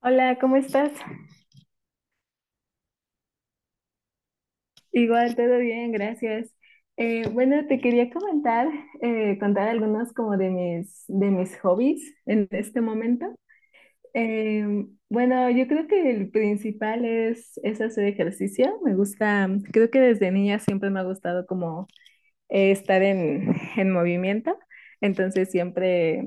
Hola, ¿cómo estás? Igual, todo bien, gracias. Bueno, te quería comentar, contar algunos como de mis hobbies en este momento. Bueno, yo creo que el principal es hacer ejercicio. Me gusta, creo que desde niña siempre me ha gustado como estar en movimiento. Entonces siempre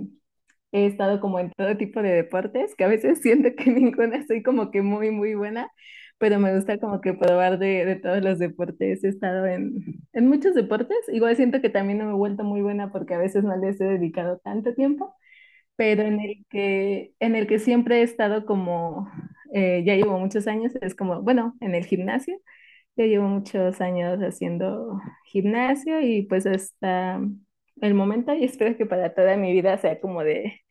he estado como en todo tipo de deportes, que a veces siento que ninguna soy como que muy buena, pero me gusta como que probar de todos los deportes. He estado en muchos deportes. Igual siento que también no me he vuelto muy buena porque a veces no les he dedicado tanto tiempo, pero en el que siempre he estado como, ya llevo muchos años, es como, bueno, en el gimnasio. Yo llevo muchos años haciendo gimnasio y pues hasta el momento y espero que para toda mi vida sea como de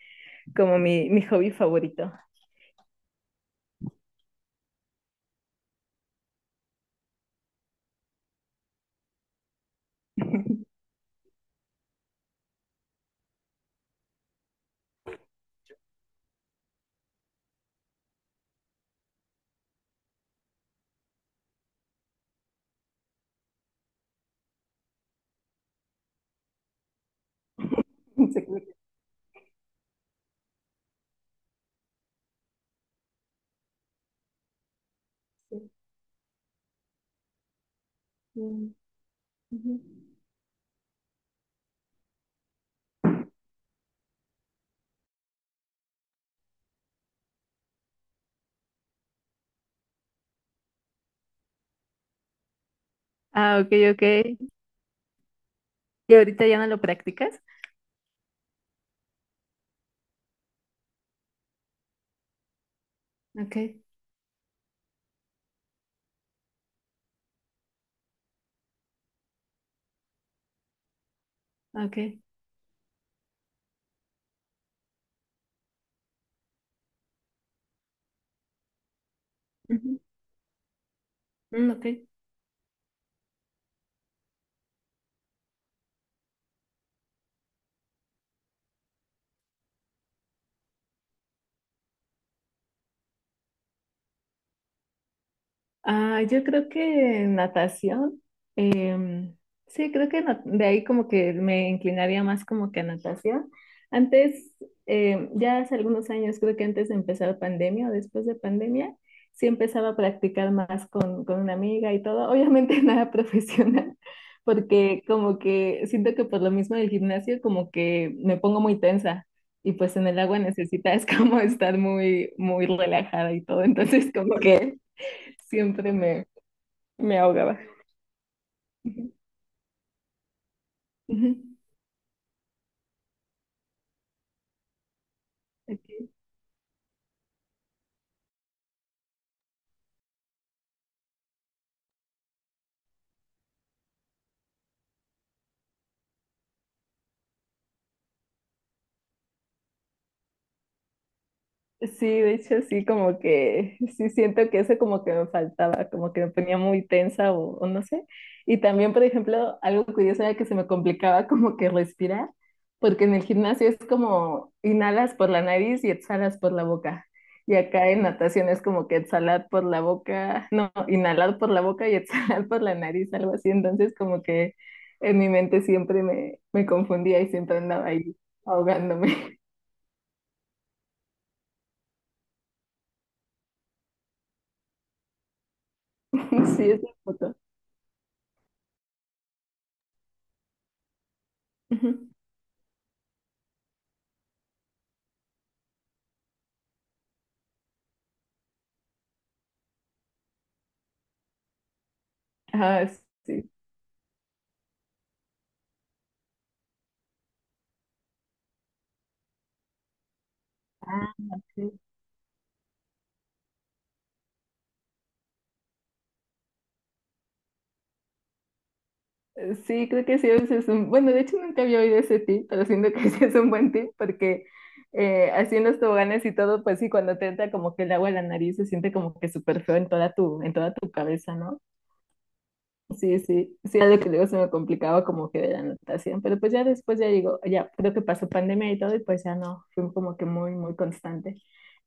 como mi hobby favorito. Ah, ok, ok. ¿Y ahorita ya no lo practicas? Ok, ok. Ujú. Mm, ok. Ah, yo creo que natación. em, sí, creo que de ahí como que me inclinaría más como que a natación. Antes, ya hace algunos años, creo que antes de empezar pandemia o después de pandemia, sí empezaba a practicar más con una amiga y todo. Obviamente nada profesional, porque como que siento que por lo mismo del gimnasio como que me pongo muy tensa. Y pues en el agua necesitas como estar muy relajada y todo. Entonces como que siempre me ahogaba. Ujú. Ujú. Ok. Sí, de hecho sí, como que sí siento que eso como que me faltaba, como que me ponía muy tensa o no sé. Y también, por ejemplo, algo curioso era que se me complicaba como que respirar, porque en el gimnasio es como inhalas por la nariz y exhalas por la boca. Y acá en natación es como que exhalar por la boca, no, inhalar por la boca y exhalar por la nariz, algo así. Entonces como que en mi mente siempre me confundía y siempre andaba ahí ahogándome. Sí, es un poco. Ah, sí. Ah, ok. Sí, creo que sí, ese es un... Bueno, de hecho nunca había oído ese tip, pero siento que sí es un buen tip porque así en los toboganes y todo, pues sí, cuando te entra como que el agua en la nariz se siente como que súper feo en toda en toda tu cabeza, ¿no? Sí, sí, sí, algo que luego se me complicaba como que de la natación, pero pues ya después ya digo, ya creo que pasó pandemia y todo y pues ya no, fue como que muy constante.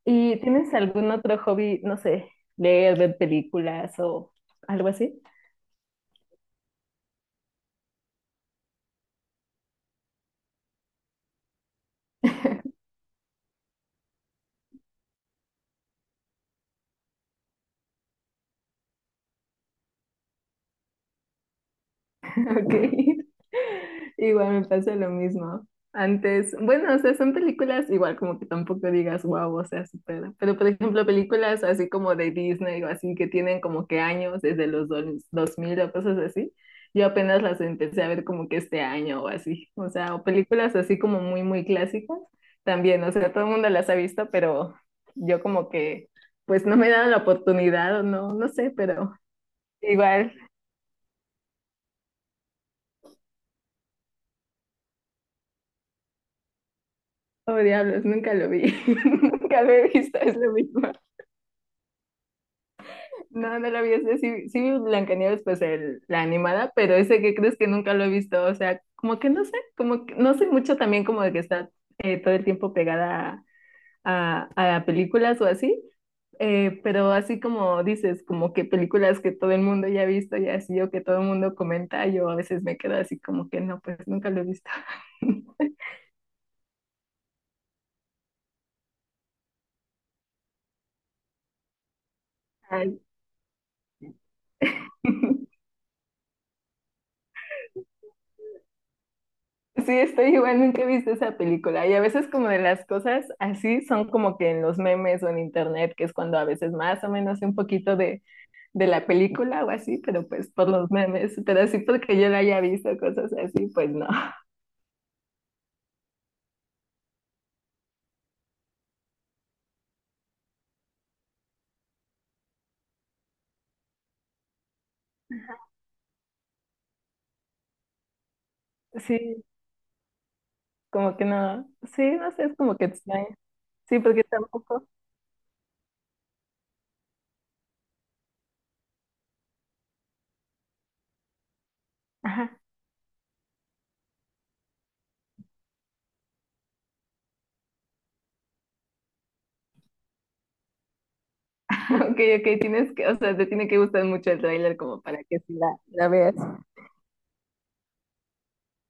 ¿Y tienes algún otro hobby, no sé, leer, ver películas o algo así? Ok. Igual me pasa lo mismo. Antes, bueno, o sea, son películas igual como que tampoco digas wow, o sea, supera. Pero por ejemplo, películas así como de Disney o así que tienen como que años desde los 2000 o cosas así. Yo apenas las empecé a ver como que este año o así. O sea, o películas así como muy clásicas también. O sea, todo el mundo las ha visto, pero yo como que pues no me he dado la oportunidad o no, no sé, pero igual. Oh, diablos, nunca lo vi. Nunca lo he visto, es lo mismo. No, no lo vi. Ese sí, sí vi Blancanieves, pues la animada, pero ese que crees que nunca lo he visto. O sea, como que no sé, como que no sé mucho también como de que está todo el tiempo pegada a películas o así. Eh, pero así como dices, como que películas que todo el mundo ya ha visto y así o que todo el mundo comenta, yo a veces me quedo así como que no, pues nunca lo he visto. Ay. Sí, estoy igual, nunca he visto esa película. Y a veces como de las cosas así son como que en los memes o en internet, que es cuando a veces más o menos sé un poquito de la película o así, pero pues por los memes. Pero así porque yo la haya visto, cosas así, pues no. Sí, como que no. Sí, no sé, es como que extraño. Sí, porque tampoco. Ajá. Ok, ok, tienes que, o sea, te tiene que gustar mucho el tráiler como para que sí la veas.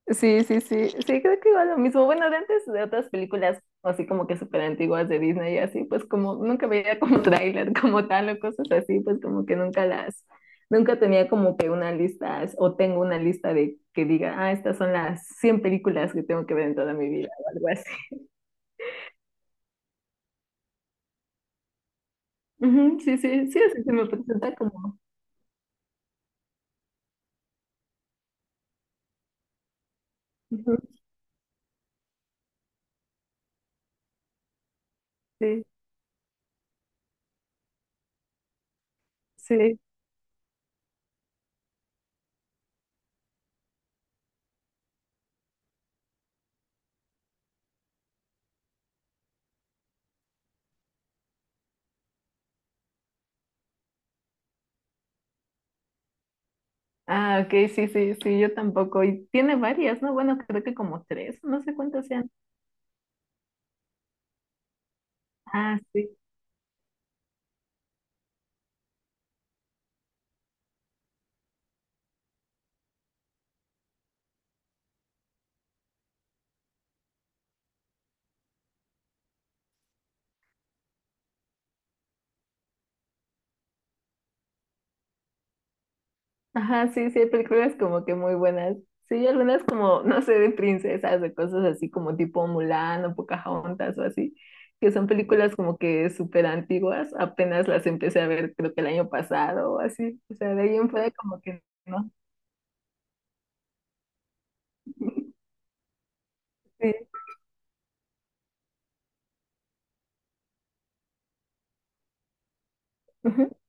Sí, sí, sí, sí, creo que igual lo mismo. Bueno, de antes de otras películas así como que súper antiguas de Disney y así, pues como nunca veía como tráiler como tal o cosas así, pues como que nunca las, nunca tenía como que una lista o tengo una lista de que diga, ah, estas son las 100 películas que tengo que ver en toda mi vida o algo así. Ujú, sí, sí, sí, así se me presenta como. Ujú, sí, sí. Ah, ok, sí, sí, sí, yo tampoco. Y tiene varias, ¿no? Bueno, creo que como tres, no sé cuántas sean. Ah, sí. Ajá, sí, sí, hay películas como que muy buenas. Sí, hay algunas como, no sé, de princesas, de cosas así como tipo Mulan o Pocahontas o así, que son películas como que súper antiguas, apenas las empecé a ver creo que el año pasado o así. O sea, de ahí en fuera como que no. Sí. Ujú.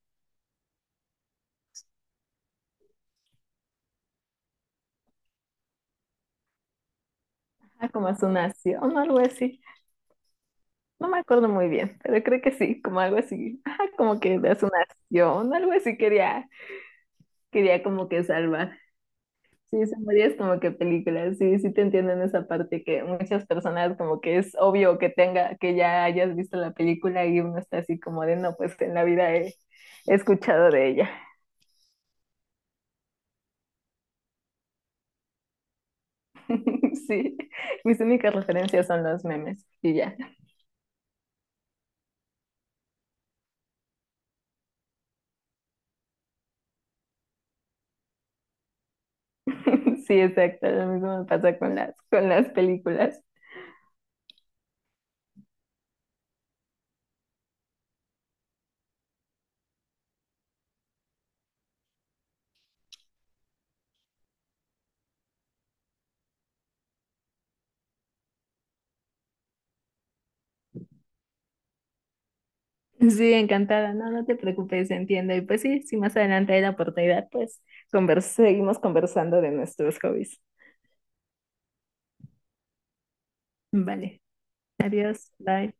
Ajá, como a su nación o algo así. No me acuerdo muy bien, pero creo que sí, como algo así. Ajá, como que de a su nación, algo así quería, quería como que salvar. Sí, son varias como que películas sí, sí te entiendo en esa parte que muchas personas como que es obvio que tenga, que ya hayas visto la película y uno está así como de no, pues en la vida he, he escuchado de ella. Sí, mis únicas referencias son los memes y ya. Sí, exacto, lo mismo me pasa con con las películas. Sí, encantada, no, no te preocupes, entiendo. Y pues sí, si más adelante hay la oportunidad, pues seguimos conversando de nuestros hobbies. Vale, adiós, bye.